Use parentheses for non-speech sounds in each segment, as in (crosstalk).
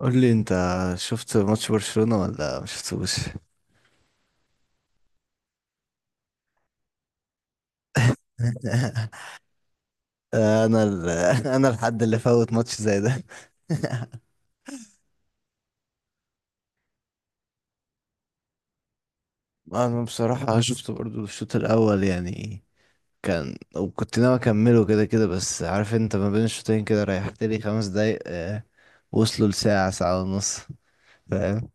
قول لي انت، شفت ماتش برشلونة ولا ما شفتوش؟ (laughs) انا ال... (laughs) انا الحد اللي فوت ماتش زي ده. انا بصراحة (laughs) شفته برضو الشوط الاول يعني. كان وكنت ناوي اكمله كده كده، بس عارف انت ما بين الشوطين كده ريحت لي 5 دقايق وصلوا لساعة 1:30. فاهم.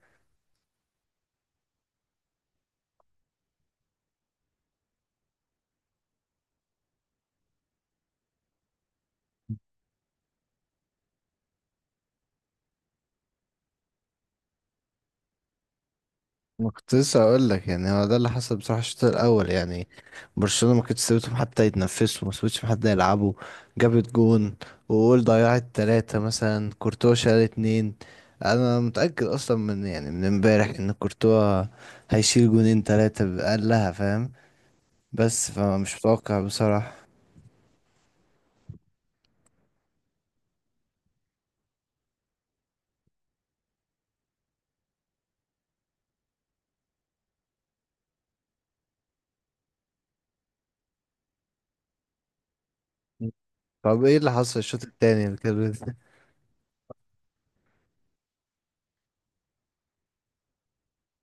ما كنت لسه اقول لك، يعني هو ده اللي حصل بصراحه. الشوط الاول يعني برشلونه ما كانتش سابتهم حتى يتنفسوا، ما سابتش حد يلعبوا. جابت جون، وقول ضيعت ثلاثه مثلا، كورتوا شال اتنين. انا متاكد اصلا من، يعني من امبارح، ان كورتوا هيشيل جونين ثلاثه بأقلها. فاهم. بس فمش متوقع بصراحه. طب ايه اللي حصل الشوط التاني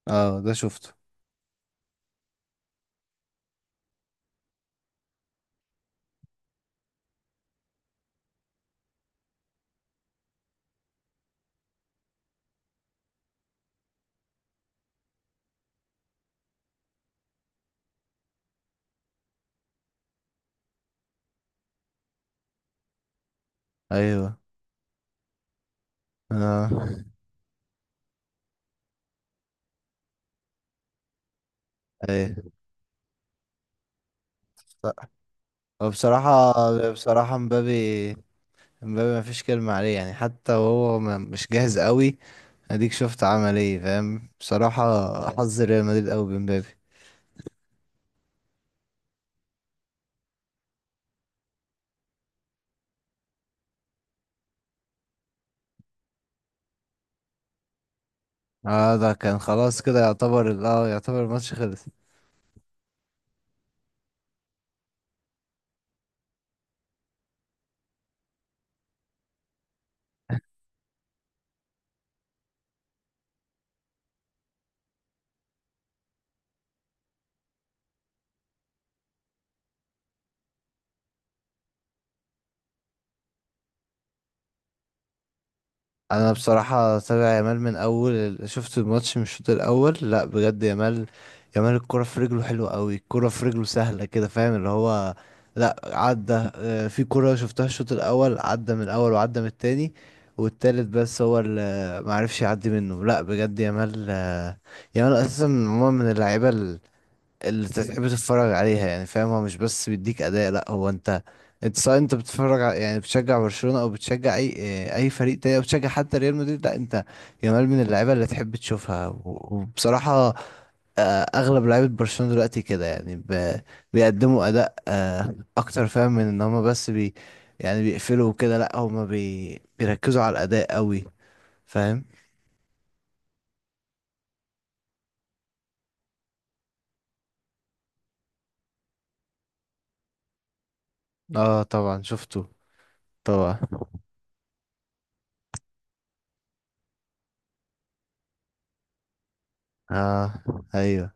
اه ده شفته. ايوه. اه. ايه. هو بصراحه، بصراحه مبابي، امبابي ما فيش كلمة عليه، يعني حتى وهو مش جاهز قوي، اديك شفت عمل ايه. فاهم بصراحة، حظ ريال مدريد قوي بامبابي. اه ده كان خلاص كده يعتبر، اه يعتبر الماتش خلص. انا بصراحه تابع يامال من اول شفت الماتش من الشوط الاول. لا بجد يامال، يامال الكره في رجله حلوه قوي، الكره في رجله سهله كده. فاهم، اللي هو لا، عدى في كره شفتها الشوط الاول، عدى من الاول وعدى من التاني والتالت، بس هو اللي معرفش يعدي منه. لا بجد يامال، يامال اساسا عموما من اللعيبه اللي انت تحب تتفرج عليها، يعني فاهم. هو مش بس بيديك اداء لا، هو انت، انت سواء انت يعني بتشجع برشلونة او بتشجع اي، اه، اي فريق تاني، او بتشجع حتى ريال مدريد، لا انت، جمال من اللعيبه اللي تحب تشوفها. و- وبصراحه، اه، اغلب لعيبه برشلونة دلوقتي كده، يعني بيقدموا اداء اكتر، فاهم، من ان هما بس بي، يعني بيقفلوا وكده، لا هما بي بيركزوا على الاداء قوي. فاهم. اه طبعا شفته. طبعا. اه. ايوه.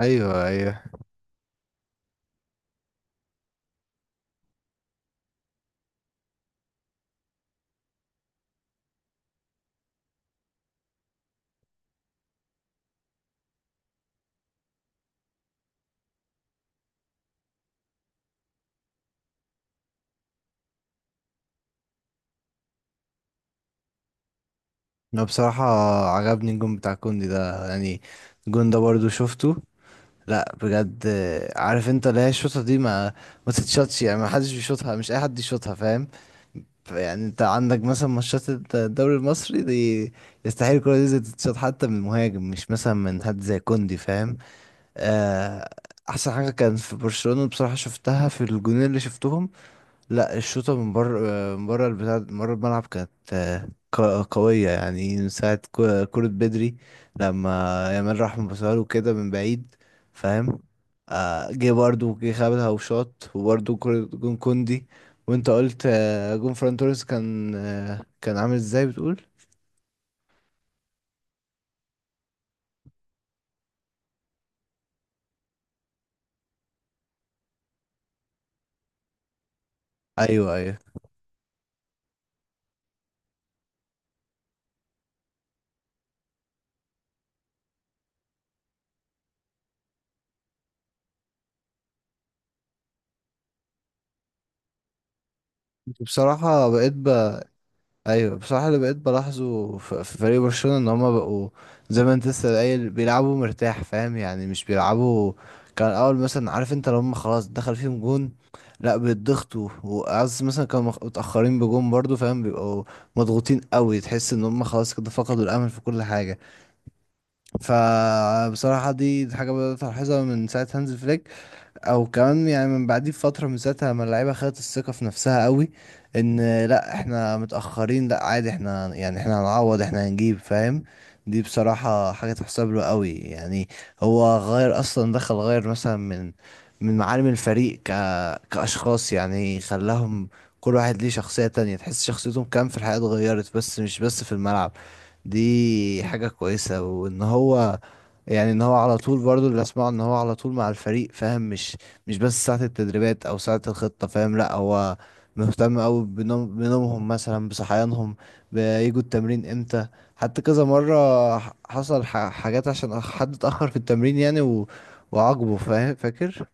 ايوه. ايوه. انا بصراحة عجبني الجون بتاع كوندي ده يعني، الجون ده برضو شفته، لا بجد. عارف انت اللي هي الشوطة دي، ما تتشطش يعني، ما حدش بيشوطها، مش اي حد يشوطها. فاهم. يعني انت عندك مثلا ماتشات الدوري المصري دي، يستحيل الكرة دي زي تتشاط، حتى من مهاجم مش مثلا من حد زي كوندي. فاهم. آه، احسن حاجة كان في برشلونة بصراحة شفتها في الجونين اللي شفتهم، لا الشوطة من بره، من بره البتاع، من بره الملعب، كانت قوية يعني. من ساعة كرة بدري، لما يامال راح مبصها له كده من بعيد. فاهم. جه برضه جه خابها وشاط، وبرضه كرة جون كوندي. وانت قلت جون فران توريس كان كان عامل ازاي بتقول؟ ايوه ايوه. بصراحة بقيت ب... ايوه بصراحه، اللي بقيت بلاحظه في فريق برشلونه، ان هما بقوا زي ما انت لسه قايل بيلعبوا مرتاح. فاهم، يعني مش بيلعبوا كان الاول. مثلا عارف انت، لو هما خلاص دخل فيهم جون، لا بيتضغطوا، وعز مثلا كانوا متاخرين بجون برضو. فاهم، بيبقوا مضغوطين قوي، تحس ان هما خلاص كده فقدوا الامل في كل حاجه. فبصراحه دي حاجه بدات الاحظها من ساعه هانز فليك، او كمان يعني من بعديه بفتره. من ساعتها لما اللعيبه خدت الثقه في نفسها قوي، ان لا احنا متاخرين، لا عادي، احنا يعني احنا هنعوض، احنا هنجيب. فاهم. دي بصراحه حاجه تحسب له قوي يعني. هو غير اصلا، دخل غير مثلا من، من معالم الفريق كاشخاص يعني، خلاهم كل واحد ليه شخصيه تانية، تحس شخصيتهم كام في الحياه اتغيرت، بس مش بس في الملعب. دي حاجه كويسه. وان هو يعني ان هو على طول، برضو اللي اسمعه ان هو على طول مع الفريق. فاهم، مش بس ساعة التدريبات او ساعة الخطة. فاهم، لا هو مهتم قوي بنومهم مثلا، بصحيانهم، بيجوا التمرين امتى. حتى كذا مرة حصل حاجات عشان حد اتأخر في التمرين يعني، وعاقبه. فاهم، فاكر.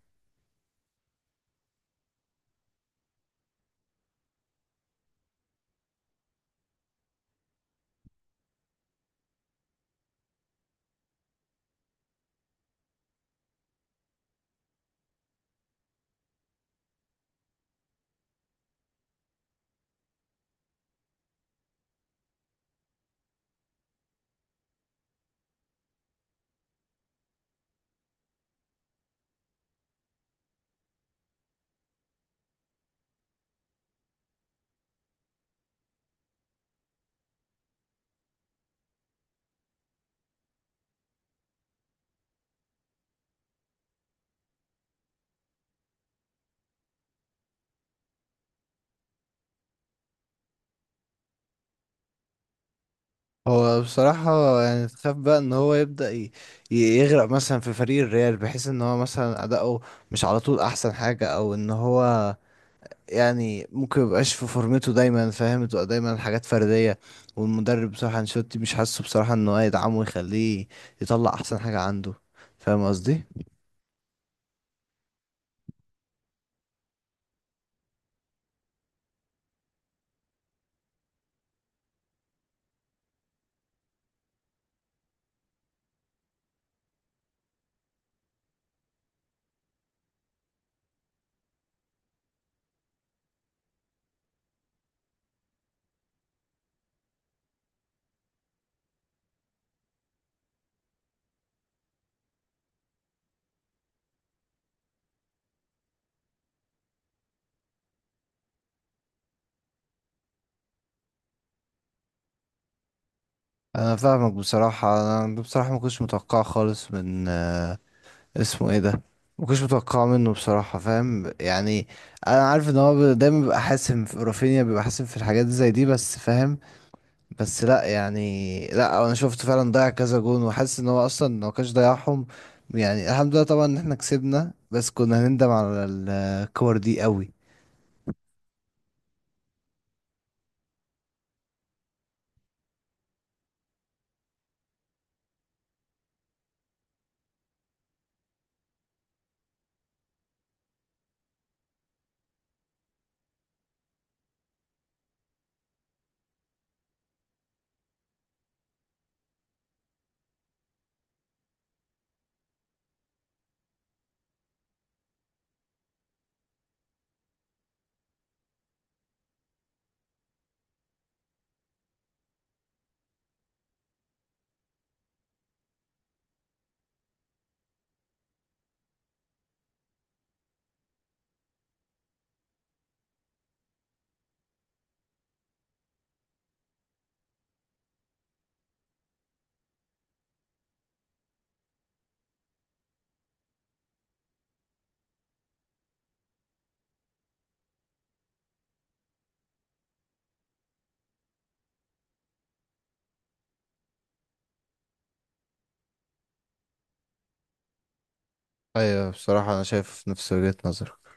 هو بصراحة يعني، تخاف بقى ان هو يبدأ يغرق مثلا في فريق الريال، بحيث ان هو مثلا اداؤه مش على طول احسن حاجة، او ان هو يعني ممكن ميبقاش في فورمته دايما. فاهم، تبقى دايما حاجات فردية، والمدرب بصراحة انشيلوتي مش حاسه بصراحة ان هو يدعمه ويخليه يطلع احسن حاجة عنده. فاهم قصدي. انا فاهمك. بصراحة انا بصراحة ما كنتش متوقع خالص من اسمه ايه ده، ما كنتش متوقع منه بصراحة. فاهم يعني، انا عارف ان هو دايما بيبقى حاسم، في رافينيا بيبقى حاسم في الحاجات زي دي بس. فاهم، بس لا يعني لا، انا شفت فعلا ضيع كذا جون، وحاسس ان هو اصلا لو كانش ضيعهم، يعني الحمد لله طبعا ان احنا كسبنا، بس كنا هنندم على الكور دي قوي. ايوه بصراحة انا شايف نفس وجهة نظرك.